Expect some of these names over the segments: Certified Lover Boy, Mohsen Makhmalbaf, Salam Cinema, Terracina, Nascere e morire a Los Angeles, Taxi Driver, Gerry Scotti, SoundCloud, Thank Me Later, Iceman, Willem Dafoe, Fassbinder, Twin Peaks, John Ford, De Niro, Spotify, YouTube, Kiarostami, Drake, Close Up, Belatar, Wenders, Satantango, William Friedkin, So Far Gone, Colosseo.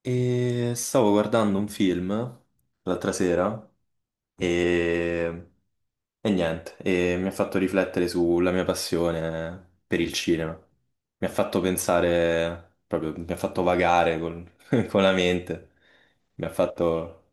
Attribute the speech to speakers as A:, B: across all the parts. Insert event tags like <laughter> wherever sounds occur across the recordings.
A: E stavo guardando un film l'altra sera e, e niente, e mi ha fatto riflettere sulla mia passione per il cinema. Mi ha fatto pensare, proprio, mi ha fatto vagare col- <laughs> con la mente, mi ha fatto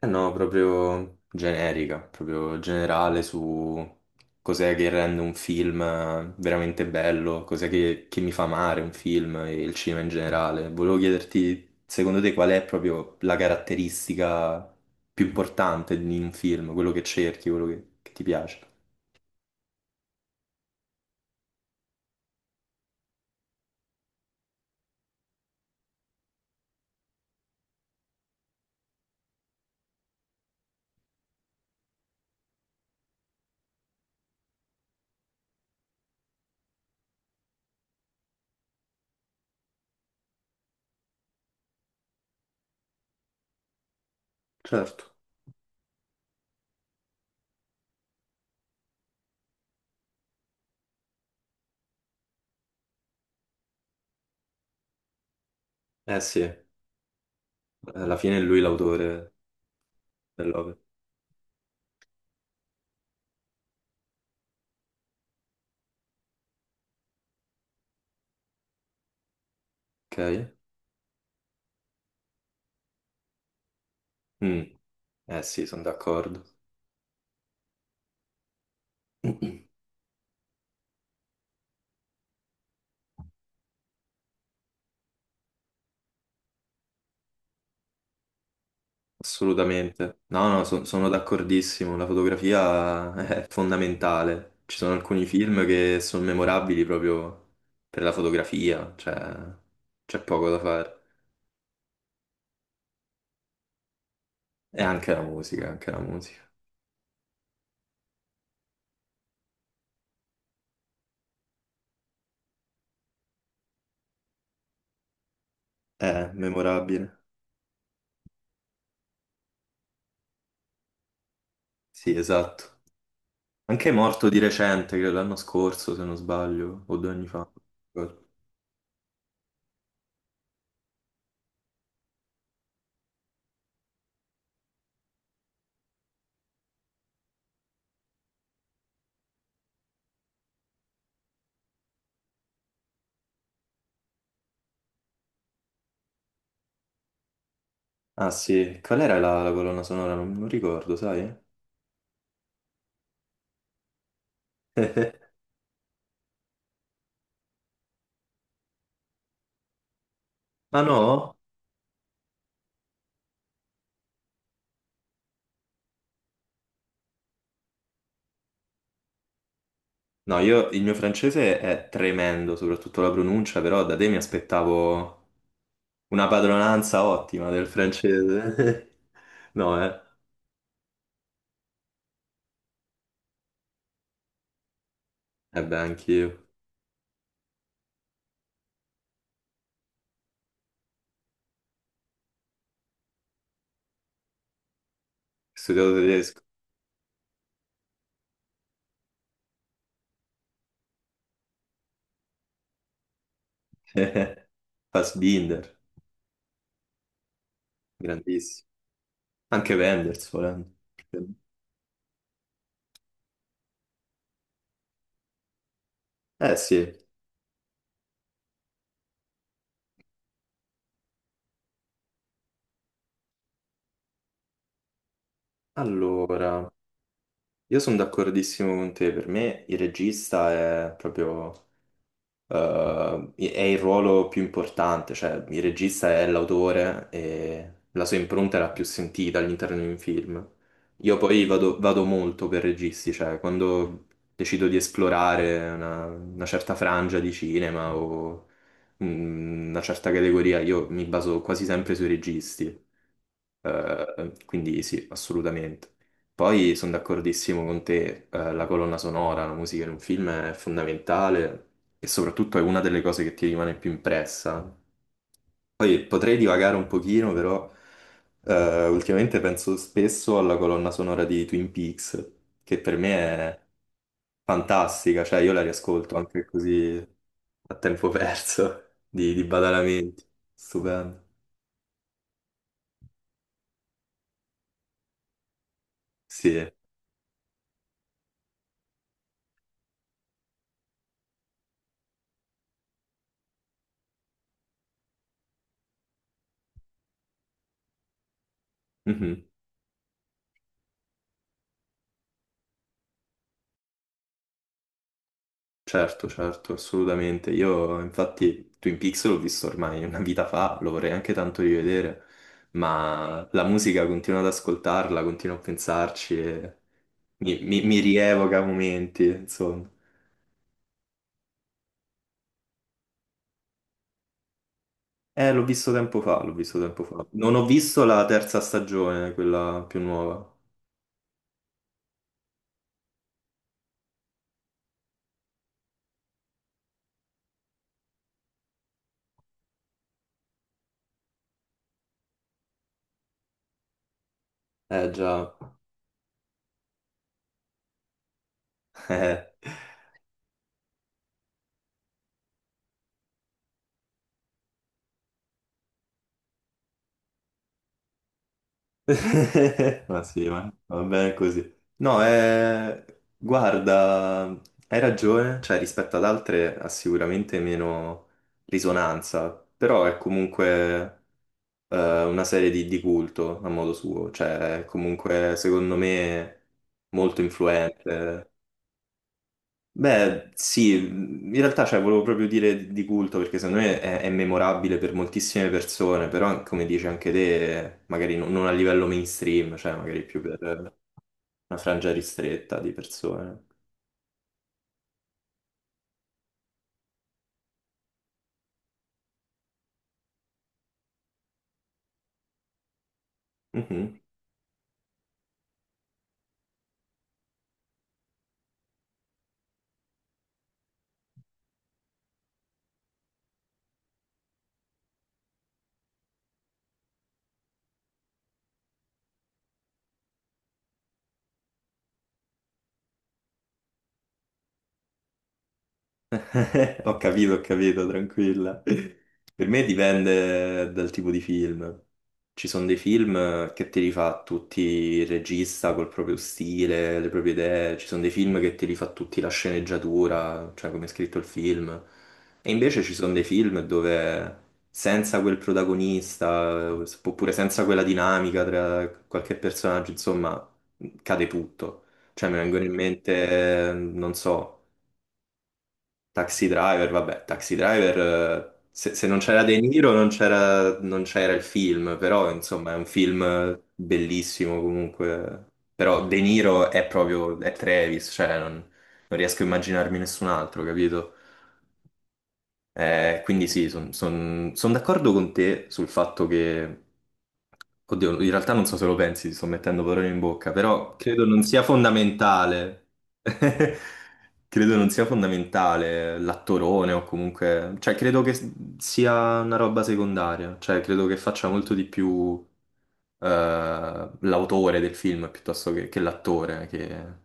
A: Eh no, proprio generica, proprio generale su cos'è che rende un film veramente bello, cos'è che mi fa amare un film e il cinema in generale. Volevo chiederti, secondo te, qual è proprio la caratteristica più importante di un film, quello che cerchi, quello che ti piace? Certo. Eh sì, alla fine è lui l'autore dell'opera, ok? Mm, eh sì, sono d'accordo. Assolutamente. No, no, sono d'accordissimo. La fotografia <laughs> è fondamentale. Ci sono alcuni film che sono memorabili proprio per la fotografia, cioè c'è poco da fare. E anche la musica, anche la musica. È memorabile. Sì, esatto. Anche è morto di recente, credo l'anno scorso, se non sbaglio, o due anni fa. Ah sì, qual era la colonna sonora? Non ricordo, sai? <laughs> Ah no? No, io il mio francese è tremendo, soprattutto la pronuncia, però da te mi aspettavo una padronanza ottima del francese. <laughs> No, eh? Eh beh, anch'io. Ho studiato tedesco. <laughs> Fassbinder, grandissimo. Anche Wenders, volendo. Eh sì. Allora, io sono d'accordissimo con te. Per me il regista è proprio è il ruolo più importante, cioè il regista è l'autore e la sua impronta è la più sentita all'interno di un film. Io poi vado molto per registi, cioè quando decido di esplorare una certa frangia di cinema o una certa categoria, io mi baso quasi sempre sui registi. Quindi sì, assolutamente. Poi sono d'accordissimo con te, la colonna sonora, la musica in un film è fondamentale e soprattutto è una delle cose che ti rimane più impressa. Poi potrei divagare un pochino, però ultimamente penso spesso alla colonna sonora di Twin Peaks, che per me è fantastica, cioè io la riascolto anche così a tempo perso, di Badalamenti. Stupendo. Sì. Mhm. Certo, certo, assolutamente. Io infatti Twin Peaks l'ho visto ormai una vita fa, lo vorrei anche tanto rivedere, ma la musica continuo ad ascoltarla, continuo a pensarci e mi rievoca momenti, insomma. L'ho visto tempo fa, l'ho visto tempo fa. Non ho visto la terza stagione, quella più nuova. Eh già, <laughs> eh. <laughs> Ma sì, ma va bene così. No, guarda, hai ragione, cioè rispetto ad altre ha sicuramente meno risonanza, però è comunque una serie di culto a modo suo, cioè è comunque secondo me molto influente. Beh, sì, in realtà cioè, volevo proprio dire di culto perché secondo me è memorabile per moltissime persone, però come dici anche te, magari non a livello mainstream, cioè magari più per una frangia ristretta di persone. Mhm. <laughs> Ho capito, tranquilla. Per me dipende dal tipo di film. Ci sono dei film che te li fa tutti il regista col proprio stile, le proprie idee, ci sono dei film che te li fa tutti la sceneggiatura, cioè come è scritto il film. E invece ci sono dei film dove senza quel protagonista, oppure senza quella dinamica tra qualche personaggio, insomma, cade tutto. Cioè mi vengono in mente, non so. Taxi Driver, vabbè, Taxi Driver, se non c'era De Niro non c'era il film, però insomma è un film bellissimo comunque. Però De Niro è proprio, è Travis, cioè non riesco a immaginarmi nessun altro, capito? Quindi sì, sono d'accordo con te sul fatto che oddio, in realtà non so se lo pensi, ti sto mettendo parole in bocca, però credo non sia fondamentale. <laughs> Credo non sia fondamentale l'attorone o comunque, cioè credo che sia una roba secondaria, cioè credo che faccia molto di più eh, l'autore del film piuttosto che l'attore. Che...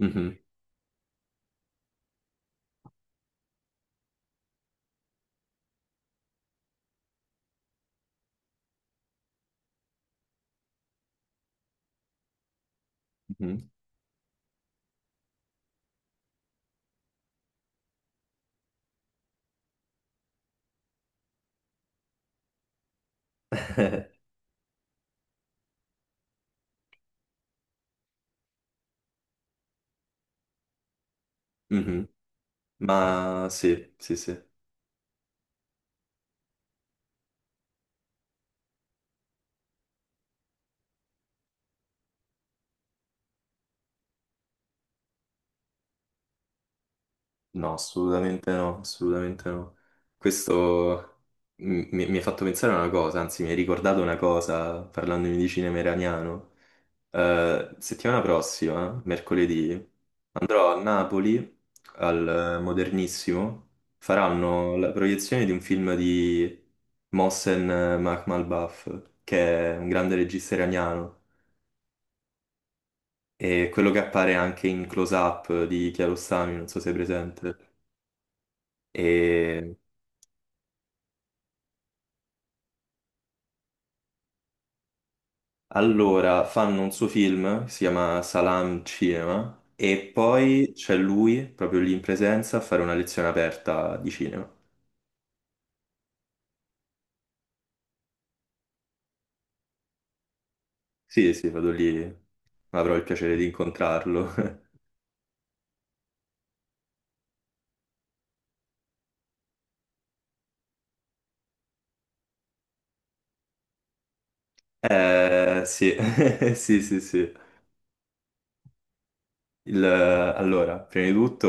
A: Mhm, mhm, mhm. Ma sì, sì, sì. No, assolutamente no, assolutamente no. Questo mi ha fatto pensare a una cosa, anzi mi hai ricordato una cosa parlandomi di cinema iraniano. Settimana prossima, mercoledì, andrò a Napoli al Modernissimo, faranno la proiezione di un film di Mohsen Makhmalbaf, che è un grande regista iraniano, e quello che appare anche in Close Up di Kiarostami, non so se è presente. E allora, fanno un suo film, si chiama Salam Cinema, e poi c'è lui, proprio lì in presenza, a fare una lezione aperta di cinema. Sì, sì, vado lì, avrò il piacere di incontrarlo. <laughs> Sì, <laughs> sì, sì, sì. Allora, prima di tutto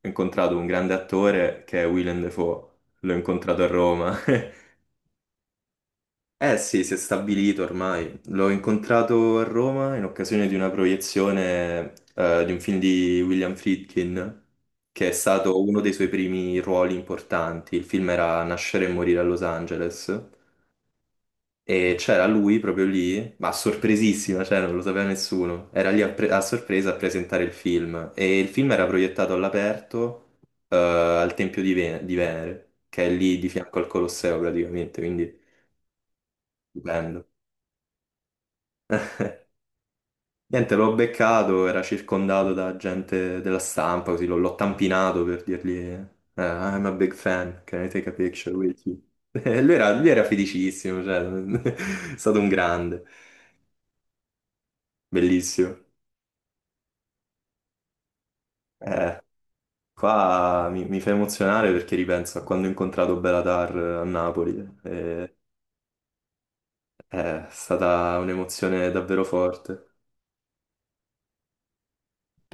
A: ho incontrato un grande attore che è Willem Dafoe, l'ho incontrato a Roma. <laughs> Eh sì, si è stabilito ormai. L'ho incontrato a Roma in occasione di una proiezione di un film di William Friedkin, che è stato uno dei suoi primi ruoli importanti. Il film era Nascere e morire a Los Angeles e c'era lui proprio lì, ma sorpresissima, cioè non lo sapeva nessuno. Era lì a, a sorpresa a presentare il film e il film era proiettato all'aperto al Tempio di, di Venere, che è lì di fianco al Colosseo praticamente, quindi stupendo. Niente, l'ho beccato, era circondato da gente della stampa, così l'ho tampinato per dirgli I'm a big fan, can I take a picture with you? <laughs> Lui era felicissimo, cioè, <laughs> è stato un grande, bellissimo. Eh, qua mi fa emozionare perché ripenso a quando ho incontrato Belatar a Napoli, eh, è stata un'emozione davvero forte.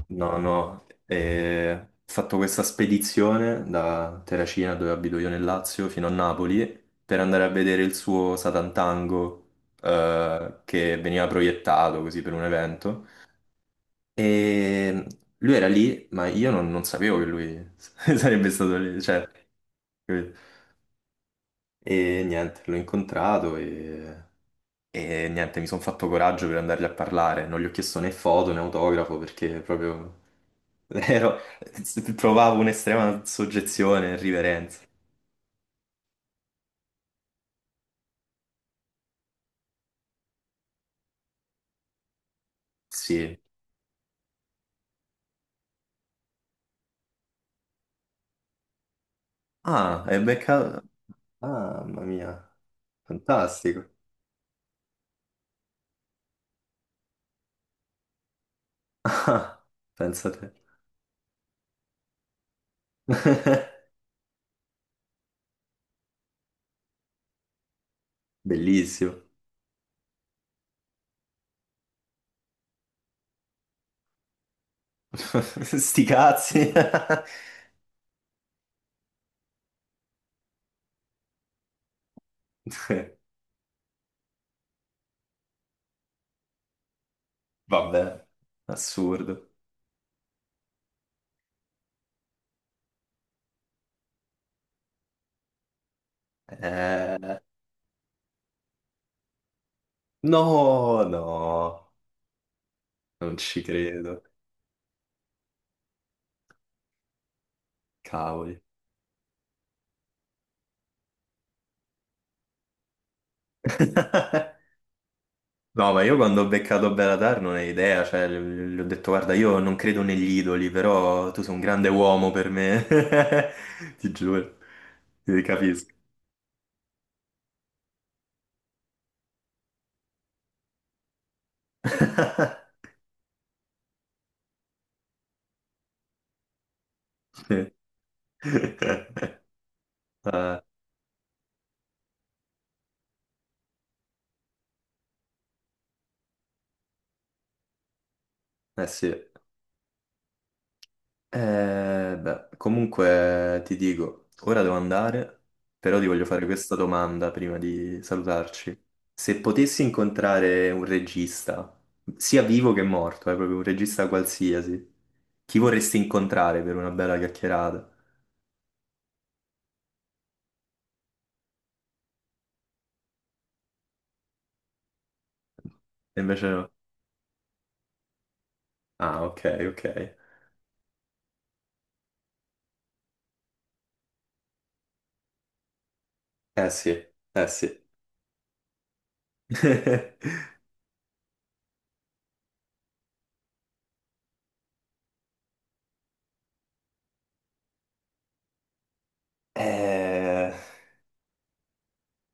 A: No, no, ho fatto questa spedizione da Terracina, dove abito io nel Lazio, fino a Napoli, per andare a vedere il suo Satantango, che veniva proiettato così per un evento. E lui era lì, ma io non sapevo che lui <laughs> sarebbe stato lì, cioè, capito? E niente, l'ho incontrato e niente, mi sono fatto coraggio per andargli a parlare. Non gli ho chiesto né foto né autografo perché proprio <laughs> Ero- provavo un'estrema soggezione e riverenza. Sì. Ah, è beccato. Ah, mamma mia, fantastico. Ah, pensa a te. <laughs> Bellissimo. <laughs> Sti cazzi. <laughs> Vabbè, assurdo. Eh, no, no, non ci credo. Cavoli. <laughs> No, ma io quando ho beccato Belatar non hai idea, cioè, gli ho detto guarda, io non credo negli idoli, però tu sei un grande uomo per me, <laughs> ti giuro, ti capisco. <laughs> Sì. <laughs> Eh, eh sì. Beh, comunque ti dico, ora devo andare, però ti voglio fare questa domanda prima di salutarci. Se potessi incontrare un regista, sia vivo che morto, proprio un regista qualsiasi, chi vorresti incontrare per una bella chiacchierata? E invece no. Ah, ok, ok. Eh sì, eh sì. <laughs> Eh...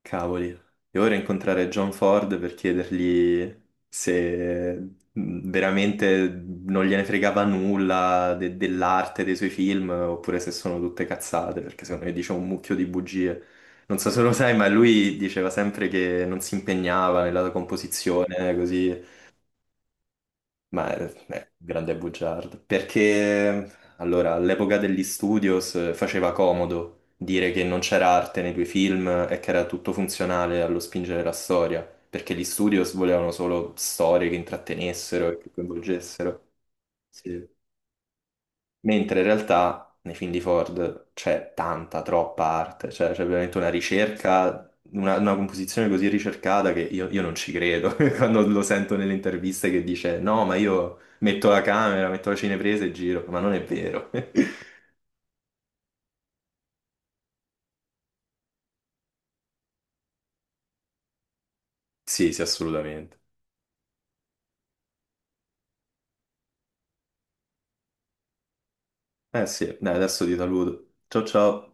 A: Cavoli, devo ora incontrare John Ford per chiedergli se veramente non gliene fregava nulla dell'arte dei suoi film oppure se sono tutte cazzate, perché secondo me dice un mucchio di bugie. Non so se lo sai, ma lui diceva sempre che non si impegnava nella composizione, così. Ma è grande bugiardo, perché allora all'epoca degli studios faceva comodo dire che non c'era arte nei tuoi film e che era tutto funzionale allo spingere la storia, perché gli studios volevano solo storie che intrattenessero e che coinvolgessero. Sì. Mentre in realtà nei film di Ford c'è tanta, troppa arte, cioè c'è veramente una ricerca, una composizione così ricercata che io non ci credo <laughs> quando lo sento nelle interviste che dice no, ma io metto la camera, metto la cinepresa e giro, ma non è vero. <laughs> Sì, sì, assolutamente. Eh sì, dai, adesso ti saluto. Ciao ciao.